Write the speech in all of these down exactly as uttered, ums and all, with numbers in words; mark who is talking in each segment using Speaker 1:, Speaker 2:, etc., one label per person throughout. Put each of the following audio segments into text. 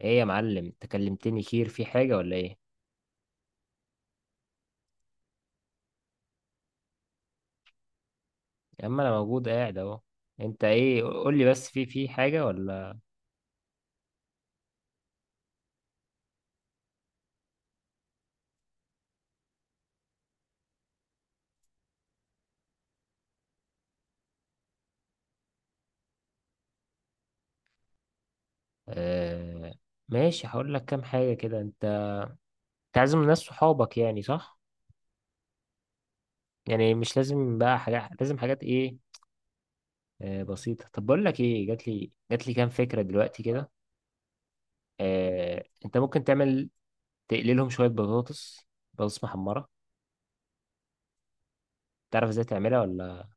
Speaker 1: ايه يا معلم، انت كلمتني؟ خير، في حاجة ولا ايه؟ يا عم انا موجود قاعد اهو. انت ايه، قول لي بس، في في حاجة ولا؟ آه ماشي، هقول لك كام حاجة كده. انت تعزم ناس صحابك يعني، صح؟ يعني مش لازم بقى حاجات، لازم حاجات ايه. آه بسيطة، طب بقول لك ايه، جات لي جات لي كام فكرة دلوقتي كده. آه انت ممكن تعمل، تقللهم شوية بطاطس بطاطس محمرة. تعرف ازاي تعملها ولا؟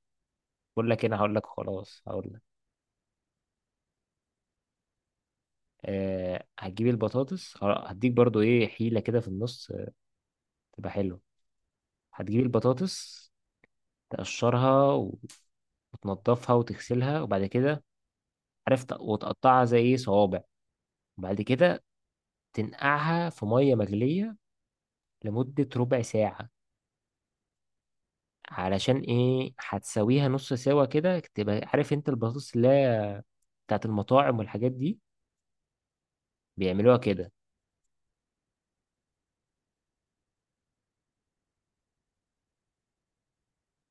Speaker 1: بقول لك، انا هقول لك، خلاص هقول لك. آه، هتجيب البطاطس خلاص، هديك برضو ايه حيلة كده في النص، آه، تبقى حلوة. هتجيب البطاطس، تقشرها وتنضفها وتغسلها، وبعد كده، عرفت، وتقطعها زي ايه صوابع، وبعد كده تنقعها في مية مغلية لمدة ربع ساعة، علشان ايه، هتسويها نص سوا كده، تبقى عارف انت البطاطس اللي هي بتاعت المطاعم والحاجات دي بيعملوها كده.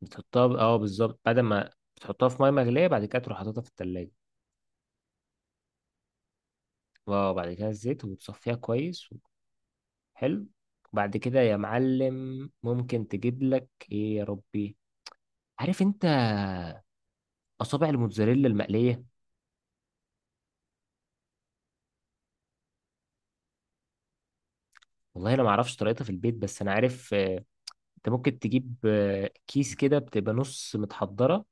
Speaker 1: بتحطها اه بالظبط، بعد ما بتحطها في مية مغلية، بعد كده تروح حاططها في التلاجة، وبعد كده الزيت وتصفيها كويس. حلو. بعد كده يا معلم، ممكن تجيب لك ايه يا ربي، عارف انت، اصابع الموتزاريلا المقليه. والله انا ما اعرفش طريقتها في البيت، بس انا عارف، آه، انت ممكن تجيب آه، كيس كده بتبقى نص متحضره،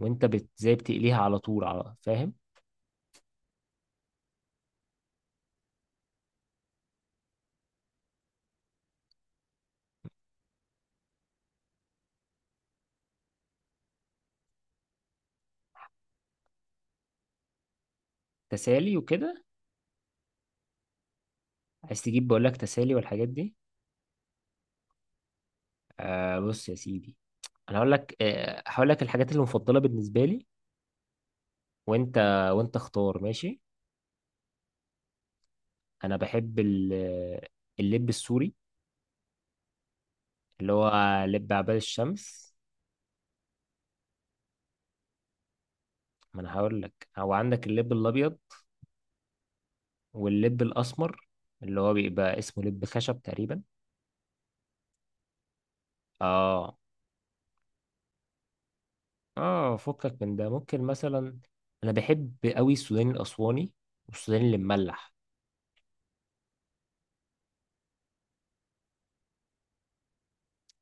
Speaker 1: وانت بت... زي بتقليها على طول، على فاهم. تسالي وكده، عايز تجيب، بقول لك تسالي والحاجات دي. آه بص يا سيدي، انا هقول لك آه، هقول لك الحاجات المفضله بالنسبه لي، وانت وانت اختار، ماشي. انا بحب ال- اللب السوري، اللي هو لب عباد الشمس. ما انا هقول لك، هو عندك اللب الابيض واللب الاسمر، اللي هو بيبقى اسمه لب خشب تقريبا. اه اه، فكك من ده، ممكن مثلا انا بحب قوي السوداني الاسواني، والسوداني اللي مملح.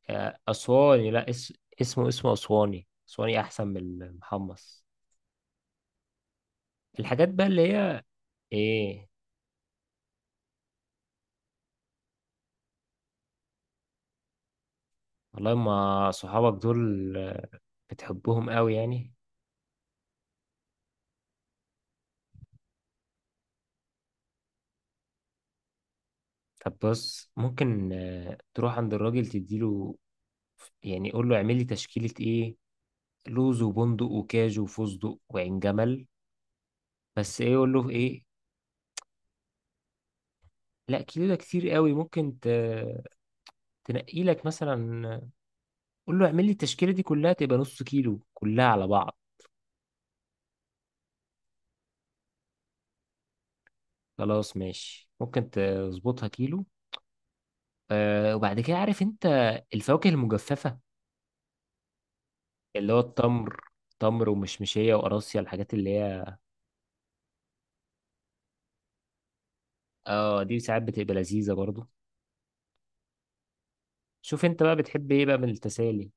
Speaker 1: آه، اسواني، لا، اس... اسمه اسمه اسواني، اسواني احسن من المحمص. الحاجات بقى اللي هي ايه. والله ما صحابك دول، آه، بتحبهم قوي يعني. طب بص، ممكن آه، تروح عند الراجل، تديله يعني، قول له اعمل لي تشكيلة ايه، لوز وبندق وكاجو وفستق وعين جمل، بس ايه قول له ايه. لا، كيلو ده كتير قوي، ممكن ت... تنقي لك مثلا، قول له اعمل لي التشكيلة دي كلها، تبقى نص كيلو كلها على بعض. خلاص ماشي، ممكن تظبطها كيلو. آه وبعد كده، عارف انت، الفواكه المجففة، اللي هو التمر، تمر ومشمشية وقراصية، الحاجات اللي هي اه دي ساعات بتبقى لذيذة برضو. شوف انت بقى بتحب ايه بقى من التسالي.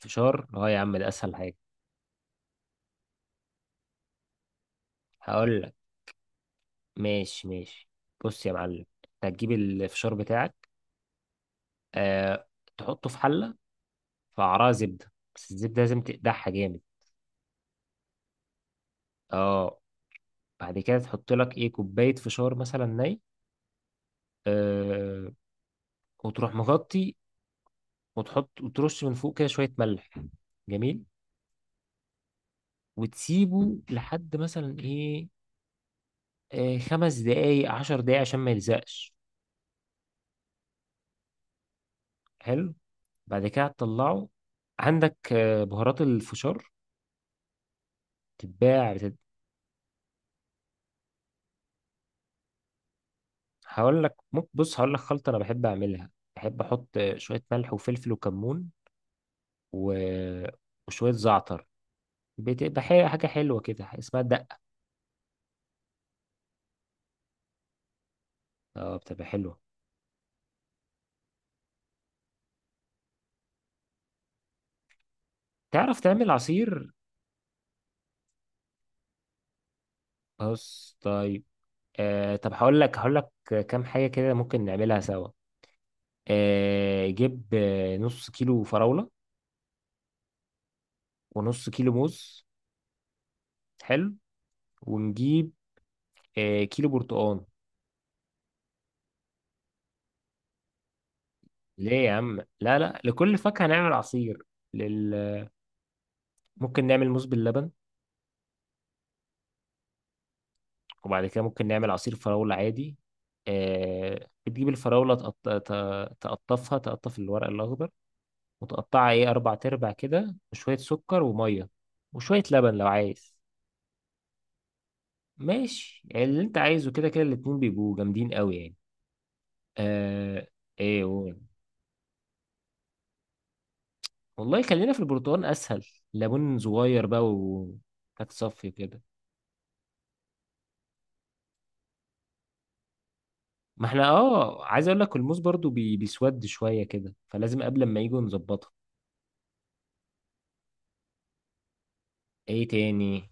Speaker 1: فشار؟ اه يا عم، ده اسهل حاجة. هقول، ماشي ماشي، بص يا معلم، انت هتجيب الفشار بتاعك، آه، تحطه في حلة، في قعرها زبدة، بس الزبدة لازم تقدحها جامد. اه، بعد كده تحط لك ايه، كوباية فشار مثلا ني، آه، وتروح مغطي، وتحط وترش من فوق كده شوية ملح، جميل، وتسيبه لحد مثلا ايه، آه، خمس دقايق، عشر دقايق، عشان ما يلزقش. حلو. بعد كده تطلعه، عندك آه، بهارات الفشار، تتباع. هقول لك ممكن، بص هقول لك خلطة أنا بحب أعملها، بحب أحط شوية ملح وفلفل وكمون، و... وشوية زعتر. بتبقى حي- حاجة حلوة كده، اسمها الدقة. اه بتبقى حلوة. تعرف تعمل عصير؟ بص طيب، آه طب، هقول لك هقول لك كام حاجة كده ممكن نعملها سوا. آه جيب، آه، نص كيلو فراولة ونص كيلو موز، حلو، ونجيب آه كيلو برتقال. ليه يا عم، لا لا، لكل فاكهة نعمل عصير، لل... ممكن نعمل موز باللبن، وبعد كده ممكن نعمل عصير فراولة عادي. آه بتجيب الفراولة، تقط... ت- تقطفها، تقطف الورق الأخضر، وتقطعها إيه أربع تربع كده، وشوية سكر ومية وشوية لبن لو عايز. ماشي، يعني اللي أنت عايزه، كده كده الاتنين بيبقوا جامدين قوي يعني. آه إيه قول. والله خلينا في البرتقال أسهل، ليمون صغير بقى. وهتصفي كده، ما احنا اه عايز اقول لك، الموز برضو بي... بيسود شوية كده، فلازم قبل ما يجوا نظبطها. ايه تاني؟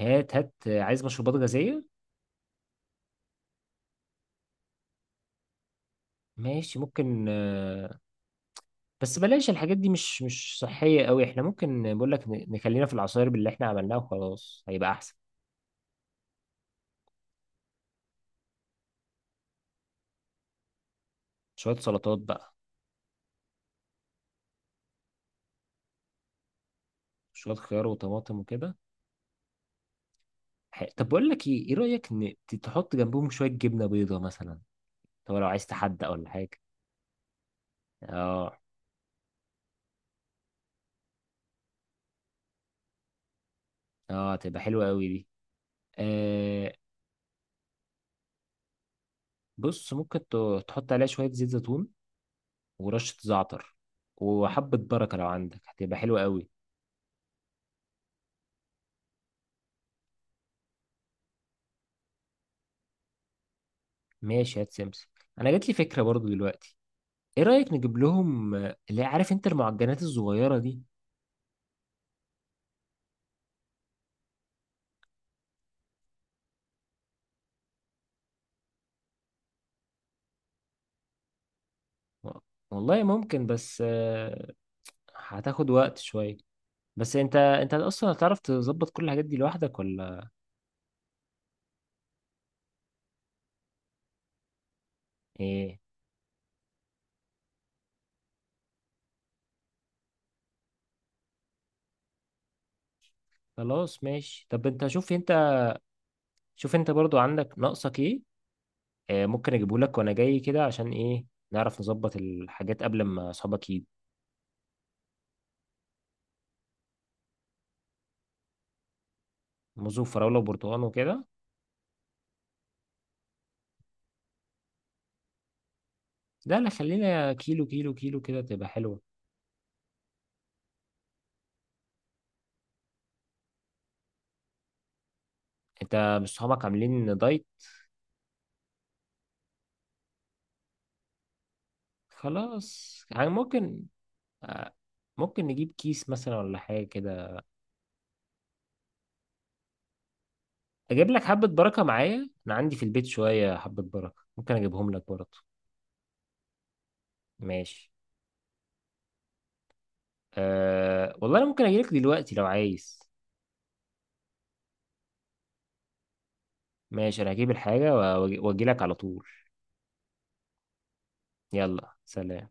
Speaker 1: هات هات، عايز مشروبات غازية؟ ماشي، ممكن آه، بس بلاش الحاجات دي، مش مش صحية قوي، احنا ممكن، بقول لك ن- نخلينا في العصاير باللي احنا عملناها، وخلاص هيبقى احسن. شوية سلطات بقى، شوية خيار وطماطم وكده. ح- طب بقول لك ايه، ايه رأيك ن- ت- تحط جنبهم شوية جبنة بيضة مثلا؟ طب لو عايز تحدق ولا حاجة. اه اه، تبقى حلوة قوي دي. آه بص، ممكن ت- تحط عليها شوية زيت زيتون، ورشة زعتر، وحبة بركة لو عندك هتبقى حلوة قوي. ماشي، هات سمسم. انا جات لي فكره برضو دلوقتي، ايه رايك نجيب لهم آه، اللي هي- عارف انت المعجنات الصغيره دي. و- والله ممكن، بس آه، هتاخد وقت شويه، بس انت انت اصلا هتعرف تظبط كل الحاجات دي لوحدك ولا ايه؟ خلاص ماشي، طب انت، شوف انت شوف انت برضو عندك ناقصك ايه، آه، ممكن اجيبه لك وانا جاي كده، عشان ايه، نعرف نظبط الحاجات قبل ما اصحابك يجوا. موز وفراوله وبرتقال وكده. لا لا، خلينا كيلو كيلو كيلو كده تبقى حلوة. انت مش صحابك عاملين دايت؟ خلاص يعني ممكن، آه، ممكن نجيب كيس مثلا ولا حاجة كده. أجيب لك حبة بركة معايا، أنا عندي في البيت شوية حبة بركة ممكن أجيبهم لك برضه. ماشي. أه والله أنا ممكن أجيلك دلوقتي لو عايز. ماشي، أنا هجيب الحاجة وأجي لك على طول. يلا سلام.